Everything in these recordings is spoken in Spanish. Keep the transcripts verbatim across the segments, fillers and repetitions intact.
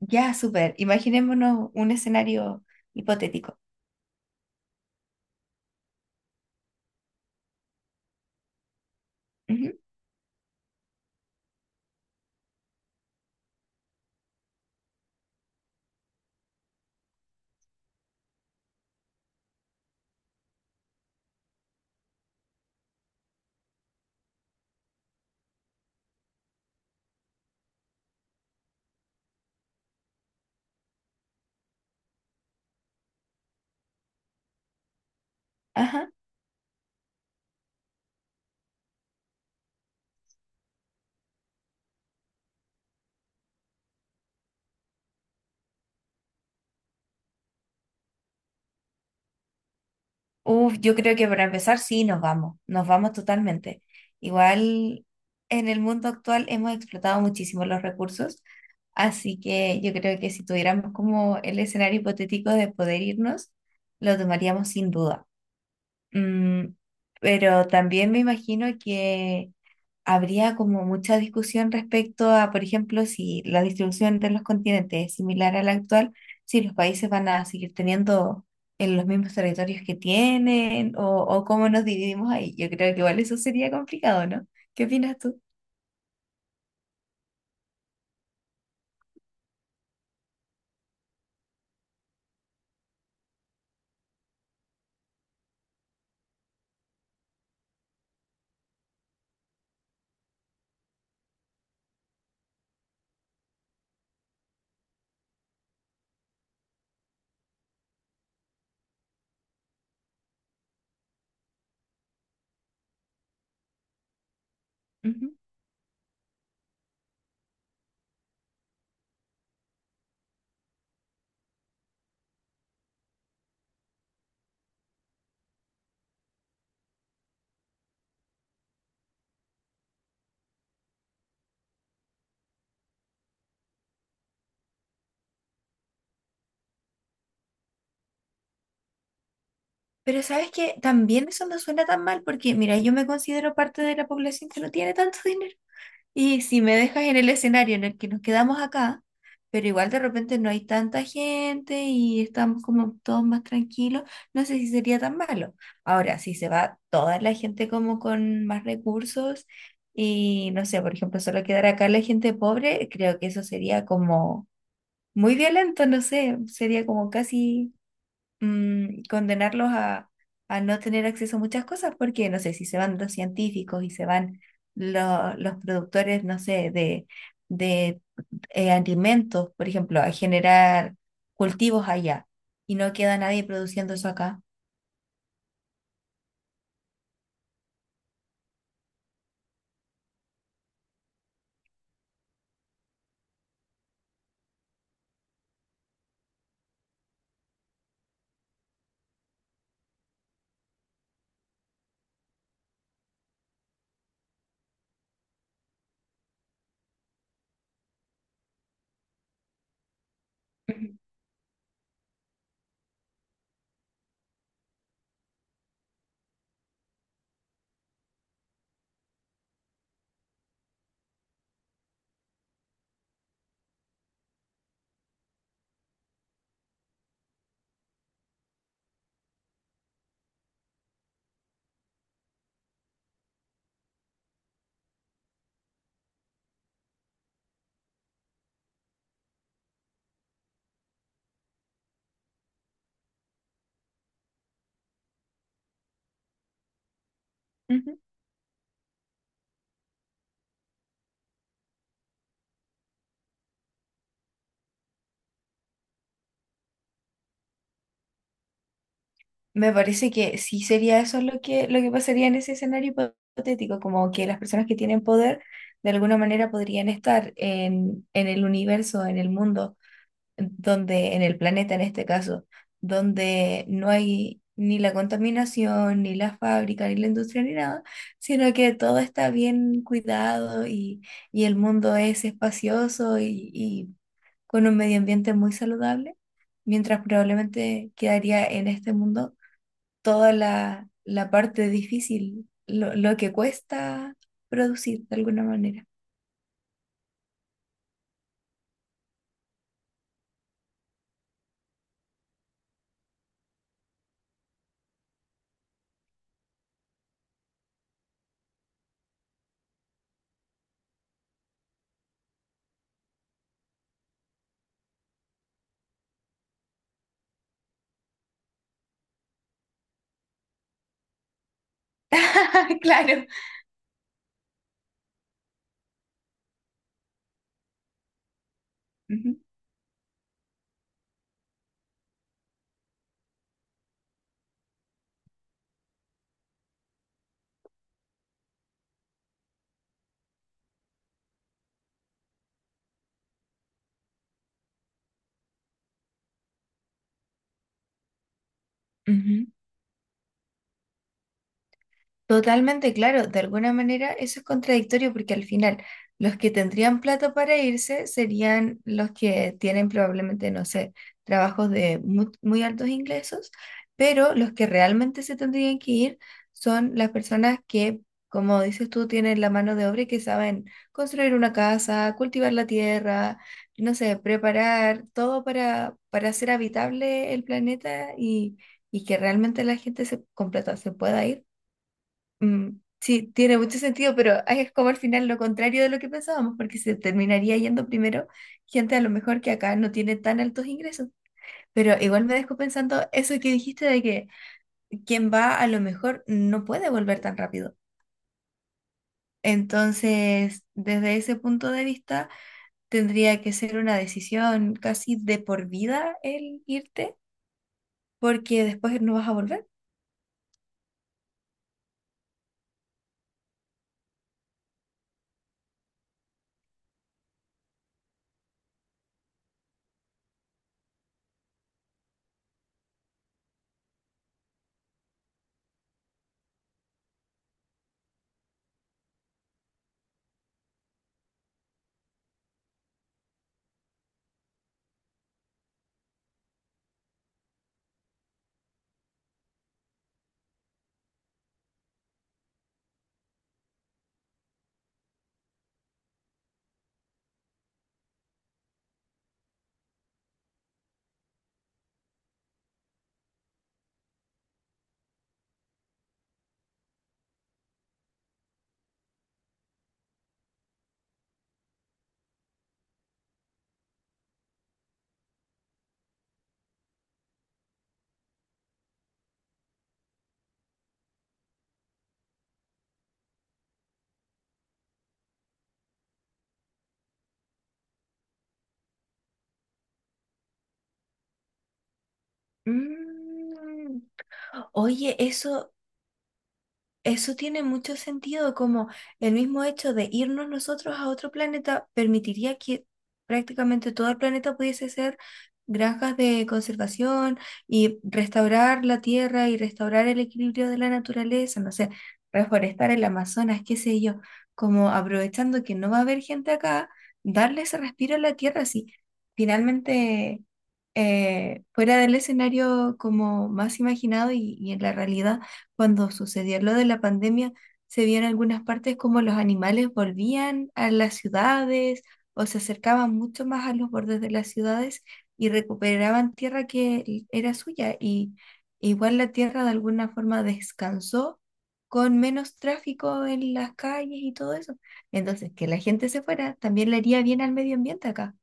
Ya, súper. Imaginémonos un escenario hipotético. Ujú. Ajá. Uf, yo creo que para empezar, sí, nos vamos, nos vamos totalmente. Igual en el mundo actual hemos explotado muchísimo los recursos, así que yo creo que si tuviéramos como el escenario hipotético de poder irnos, lo tomaríamos sin duda. Mm, pero también me imagino que habría como mucha discusión respecto a, por ejemplo, si la distribución entre los continentes es similar a la actual, si los países van a seguir teniendo en los mismos territorios que tienen o, o cómo nos dividimos ahí. Yo creo que igual eso sería complicado, ¿no? ¿Qué opinas tú? Ujú. Pero sabes que también eso no suena tan mal porque, mira, yo me considero parte de la población que no tiene tanto dinero. Y si me dejas en el escenario en el que nos quedamos acá, pero igual de repente no hay tanta gente y estamos como todos más tranquilos, no sé si sería tan malo. Ahora, si se va toda la gente como con más recursos y no sé, por ejemplo, solo quedar acá la gente pobre, creo que eso sería como muy violento, no sé, sería como casi mm, condenarlos a, a no tener acceso a muchas cosas, porque no sé, si se van los científicos y se van lo- los productores, no sé, de, de eh, alimentos, por ejemplo, a generar cultivos allá y no queda nadie produciendo eso acá. Ujú, ujú. Me parece que sí sería eso lo que, lo que pasaría en ese escenario hipotético, como que las personas que tienen poder de alguna manera podrían estar en, en el universo, en el mundo donde en el planeta en este caso, donde no hay ni la contaminación, ni la fábrica, ni la industria, ni nada, sino que todo está bien cuidado y, y el mundo es espacioso y, y con un medio ambiente muy saludable, mientras probablemente quedaría en este mundo toda la, la parte difícil, lo, lo que cuesta producir de alguna manera. Claro. Ujú, ujú. Totalmente claro, de alguna manera eso es contradictorio porque al final los que tendrían plata para irse serían los que tienen probablemente, no sé, trabajos de mu- muy altos ingresos, pero los que realmente se tendrían que ir son las personas que, como dices tú, tienen la mano de obra y que saben construir una casa, cultivar la tierra, no sé, preparar todo para, para hacer habitable el planeta y, y que realmente la gente se, con plata se pueda ir. Mm, sí, tiene mucho sentido, pero es como al final lo contrario de lo que pensábamos, porque se terminaría yendo primero gente a lo mejor que acá no tiene tan altos ingresos. Pero igual me dejo pensando eso que dijiste de que quien va a lo mejor no puede volver tan rápido. Entonces, desde ese punto de vista, tendría que ser una decisión casi de por vida el irte, porque después no vas a volver. Mm. Oye, eso. Eso tiene mucho sentido, como el mismo hecho de irnos nosotros a otro planeta permitiría que prácticamente todo el planeta pudiese ser granjas de conservación y restaurar la tierra y restaurar el equilibrio de la naturaleza, no sé, reforestar el Amazonas, qué sé yo, como aprovechando que no va a haber gente acá, darle ese respiro a la tierra, sí. Finalmente, eh, fuera del escenario como más imaginado y y en la realidad cuando sucedió lo de la pandemia, se vio en algunas partes como los animales volvían a las ciudades o se acercaban mucho más a los bordes de las ciudades y recuperaban tierra que era suya. Y igual la tierra de alguna forma descansó con menos tráfico en las calles y todo eso. Entonces, que la gente se fuera también le haría bien al medio ambiente acá.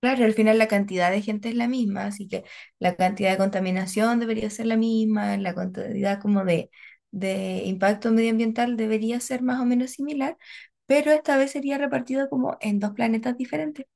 Claro, al final la cantidad de gente es la misma, así que la cantidad de contaminación debería ser la misma, la cantidad como de, de impacto medioambiental debería ser más o menos similar, pero esta vez sería repartido como en dos planetas diferentes.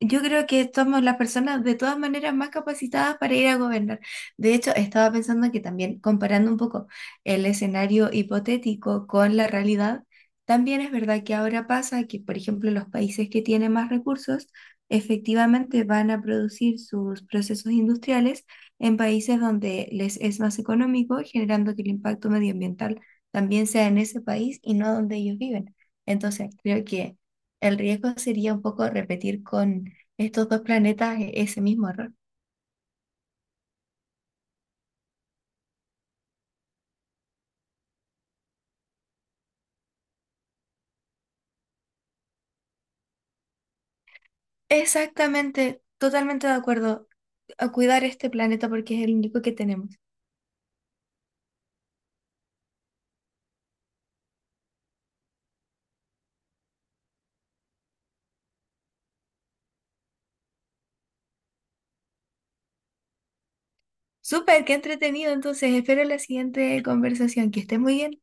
Yo creo que somos las personas de todas maneras más capacitadas para ir a gobernar. De hecho, estaba pensando que también comparando un poco el escenario hipotético con la realidad, también es verdad que ahora pasa que, por ejemplo, los países que tienen más recursos efectivamente van a producir sus procesos industriales en países donde les es más económico, generando que el impacto medioambiental también sea en ese país y no donde ellos viven. Entonces, creo que el riesgo sería un poco repetir con estos dos planetas e- ese mismo error. Exactamente, totalmente de acuerdo a cuidar este planeta porque es el único que tenemos. Súper, qué entretenido. Entonces, espero la siguiente conversación. Que estés muy bien.